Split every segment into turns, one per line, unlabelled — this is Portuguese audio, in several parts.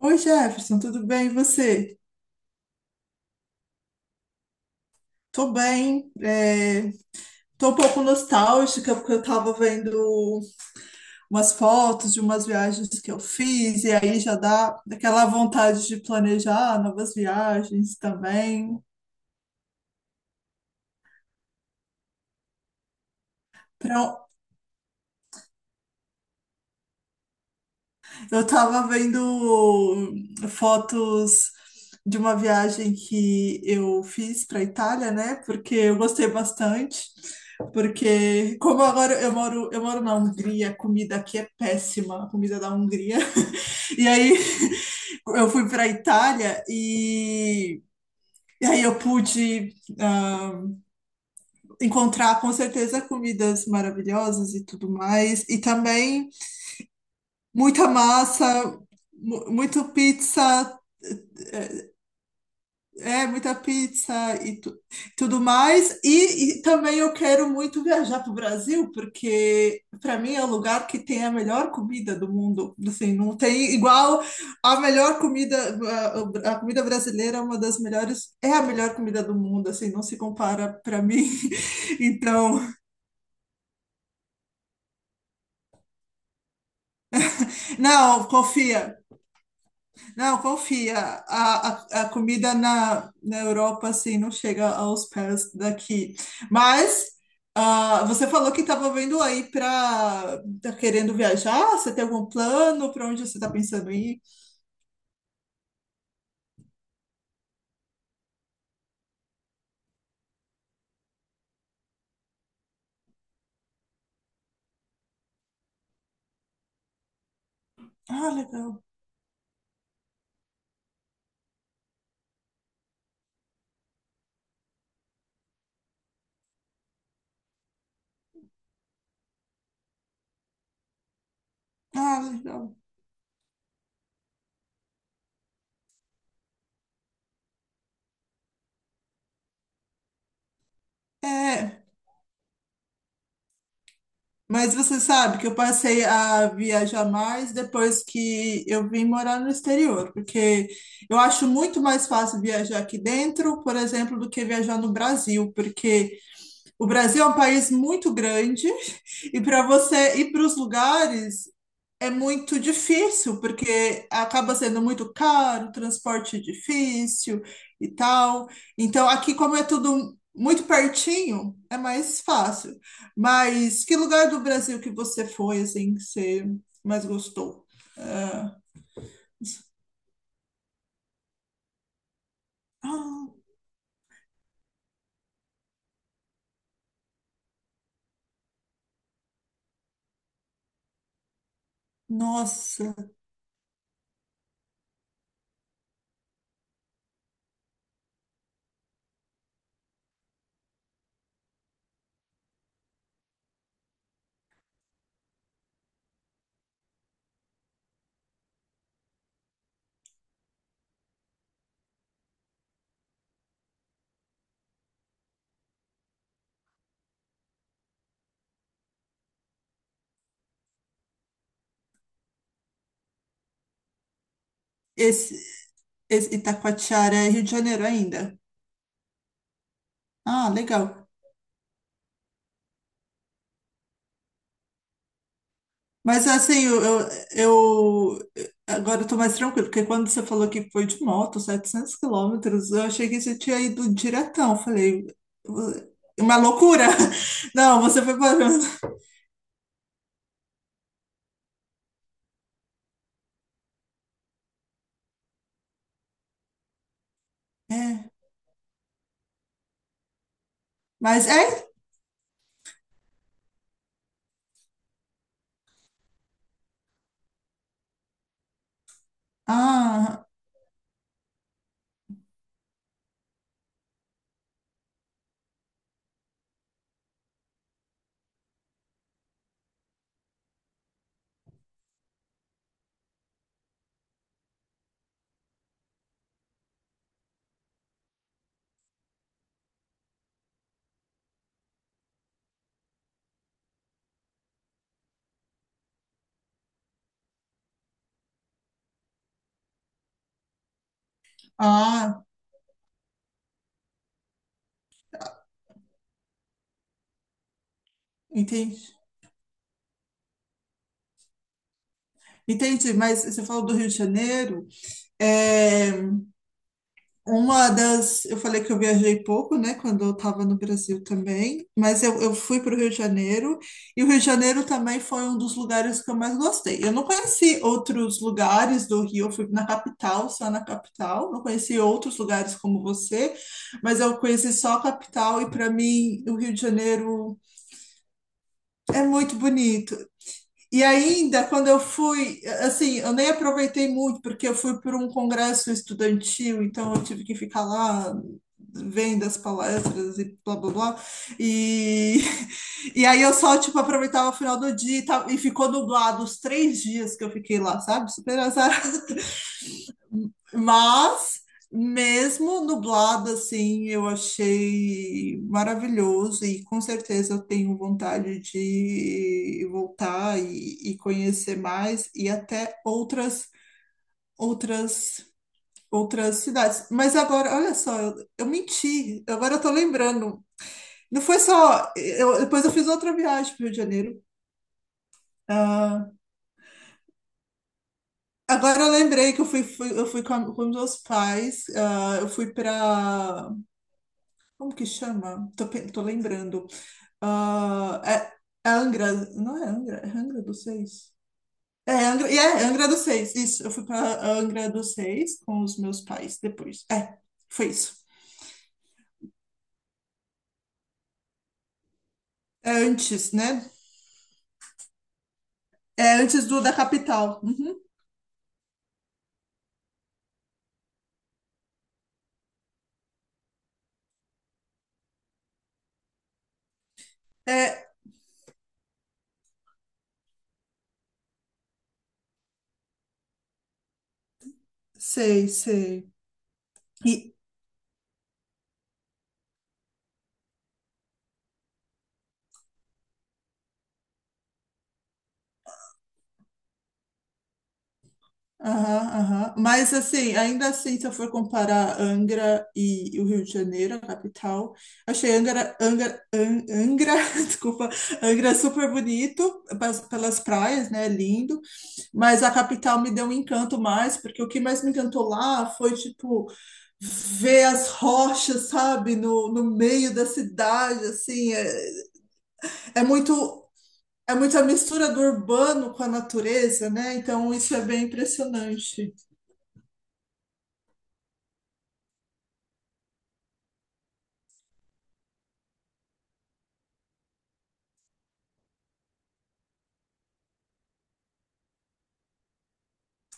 Oi, Jefferson, tudo bem? E você? Tô bem. Tô um pouco nostálgica porque eu tava vendo umas fotos de umas viagens que eu fiz e aí já dá aquela vontade de planejar novas viagens também. Para eu tava vendo fotos de uma viagem que eu fiz para Itália, né? Porque eu gostei bastante. Porque como agora eu moro na Hungria, a comida aqui é péssima, a comida da Hungria. E aí eu fui para Itália e aí eu pude ah, encontrar com certeza comidas maravilhosas e tudo mais. E também muita massa, muito pizza, é, muita pizza e tudo mais. E também eu quero muito viajar para o Brasil, porque para mim é o lugar que tem a melhor comida do mundo. Assim, não tem igual a melhor comida, a comida brasileira é uma das melhores, é a melhor comida do mundo, assim, não se compara para mim. Então, não, confia. Não, confia. A, a comida na Europa, assim, não chega aos pés daqui. Mas você falou que estava vendo aí para... Tá querendo viajar? Você tem algum plano? Para onde você está pensando em ir? Ah, legal. Ah, legal. É, mas você sabe que eu passei a viajar mais depois que eu vim morar no exterior, porque eu acho muito mais fácil viajar aqui dentro, por exemplo, do que viajar no Brasil, porque... O Brasil é um país muito grande e para você ir para os lugares é muito difícil, porque acaba sendo muito caro, transporte difícil e tal. Então, aqui, como é tudo muito pertinho, é mais fácil. Mas que lugar do Brasil que você foi, assim, que você mais gostou? Ah, nossa, esse, esse Itacoatiara é Rio de Janeiro ainda. Ah, legal. Mas assim, eu- agora eu tô mais tranquilo, porque quando você falou que foi de moto, 700 km, eu achei que você tinha ido diretão. Falei, uma loucura! Não, você foi parando. É, mas é? Ah, ah, entendi. Entendi, mas você falou do Rio de Janeiro. É, uma das. Eu falei que eu viajei pouco, né, quando eu estava no Brasil também, mas eu fui para o Rio de Janeiro, e o Rio de Janeiro também foi um dos lugares que eu mais gostei. Eu não conheci outros lugares do Rio, eu fui na capital, só na capital, não conheci outros lugares como você, mas eu conheci só a capital, e para mim o Rio de Janeiro é muito bonito. E ainda, quando eu fui, assim, eu nem aproveitei muito, porque eu fui por um congresso estudantil, então eu tive que ficar lá vendo as palestras e blá blá blá. E, e aí eu só, tipo, aproveitava o final do dia e tal, e ficou nublado os três dias que eu fiquei lá, sabe? Super azar. Mas, mesmo nublado assim, eu achei maravilhoso e com certeza eu tenho vontade de voltar e conhecer mais e até outras outras cidades. Mas agora, olha só, eu menti. Agora eu tô lembrando. Não foi só, depois eu fiz outra viagem para o Rio de Janeiro. Ah, agora eu lembrei que eu fui, eu fui com, com meus pais. Eu fui para como que chama? Tô, tô lembrando. Ah, é, é Angra, não é Angra? É Angra dos Seis. É Angra, e é Angra dos Seis, isso. Eu fui para Angra dos Seis com os meus pais depois. É, foi isso. É antes, né? É antes do da capital. Uhum. É, sei, sei. E aham, aham. Mas assim, ainda assim, se eu for comparar Angra e o Rio de Janeiro, a capital, achei Angra, Angra, Angra, desculpa, Angra super bonito, pelas praias, né, lindo, mas a capital me deu um encanto mais, porque o que mais me encantou lá foi, tipo, ver as rochas, sabe, no, no meio da cidade, assim, é, é muito... É muito a mistura do urbano com a natureza, né? Então, isso é bem impressionante.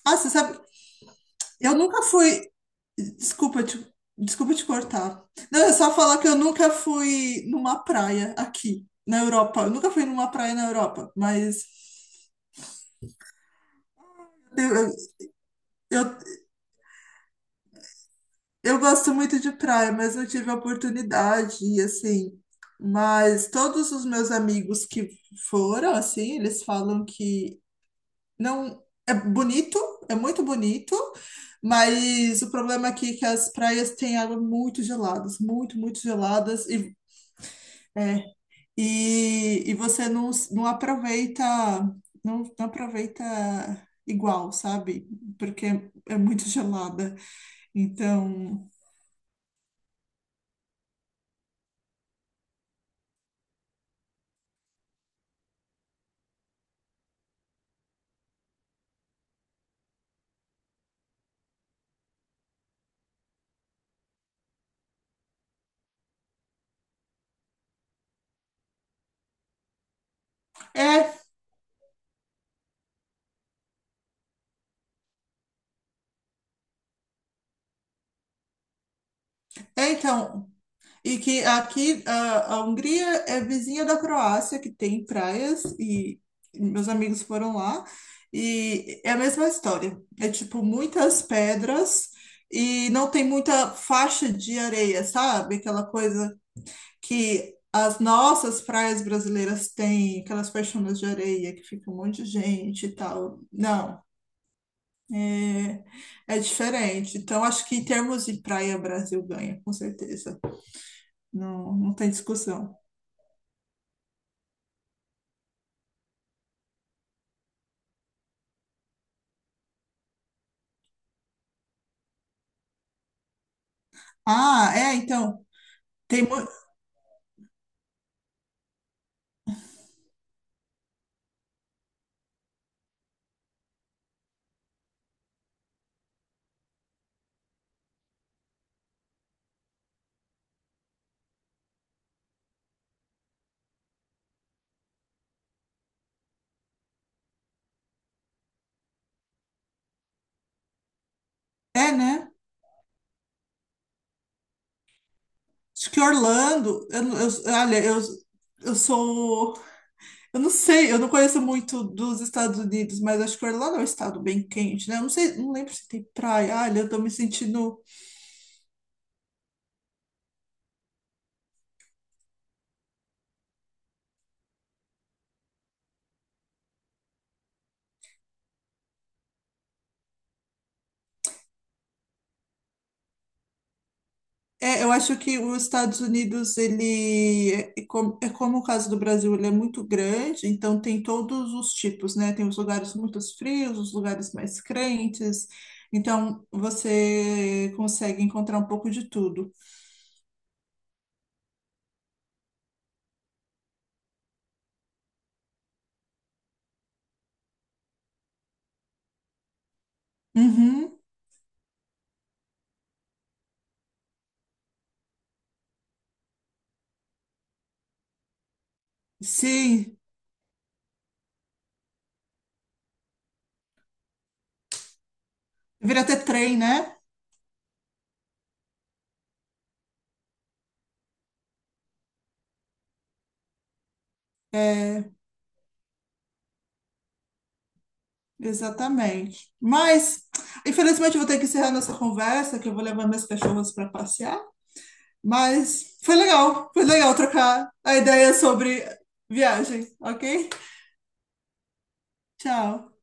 Ah, você sabe, eu nunca fui. Desculpa te, desculpa te cortar. Não, é só falar que eu nunca fui numa praia aqui, na Europa. Eu nunca fui numa praia na Europa, mas eu, eu, eu eu gosto muito de praia, mas não tive a oportunidade, e assim. Mas todos os meus amigos que foram, assim, eles falam que não. É bonito, é muito bonito, mas o problema aqui é que as praias têm água muito geladas, muito, muito geladas, e é, e você não, não aproveita, não, não aproveita igual, sabe? Porque é muito gelada. Então, é, é então. E que aqui a Hungria é vizinha da Croácia, que tem praias, e meus amigos foram lá, e é a mesma história. É tipo muitas pedras. E não tem muita faixa de areia, sabe? Aquela coisa que as nossas praias brasileiras têm, aquelas faixonas de areia que fica um monte de gente e tal. Não, é é diferente. Então, acho que em termos de praia, Brasil ganha, com certeza. Não, não tem discussão. Ah, é, então, tem, é, né? Acho que Orlando, olha, eu sou, eu não sei, eu não conheço muito dos Estados Unidos, mas acho que Orlando é um estado bem quente, né? Eu não sei, não lembro se tem praia. Olha, eu tô me sentindo é, eu acho que os Estados Unidos, ele é como o caso do Brasil, ele é muito grande, então tem todos os tipos, né? Tem os lugares muito frios, os lugares mais crentes, então você consegue encontrar um pouco de tudo. Uhum, sim, vira até trem, né? É, exatamente. Mas, infelizmente, eu vou ter que encerrar nossa conversa, que eu vou levar minhas cachorras para passear. Mas foi legal trocar a ideia sobre viagem, ok? Tchau.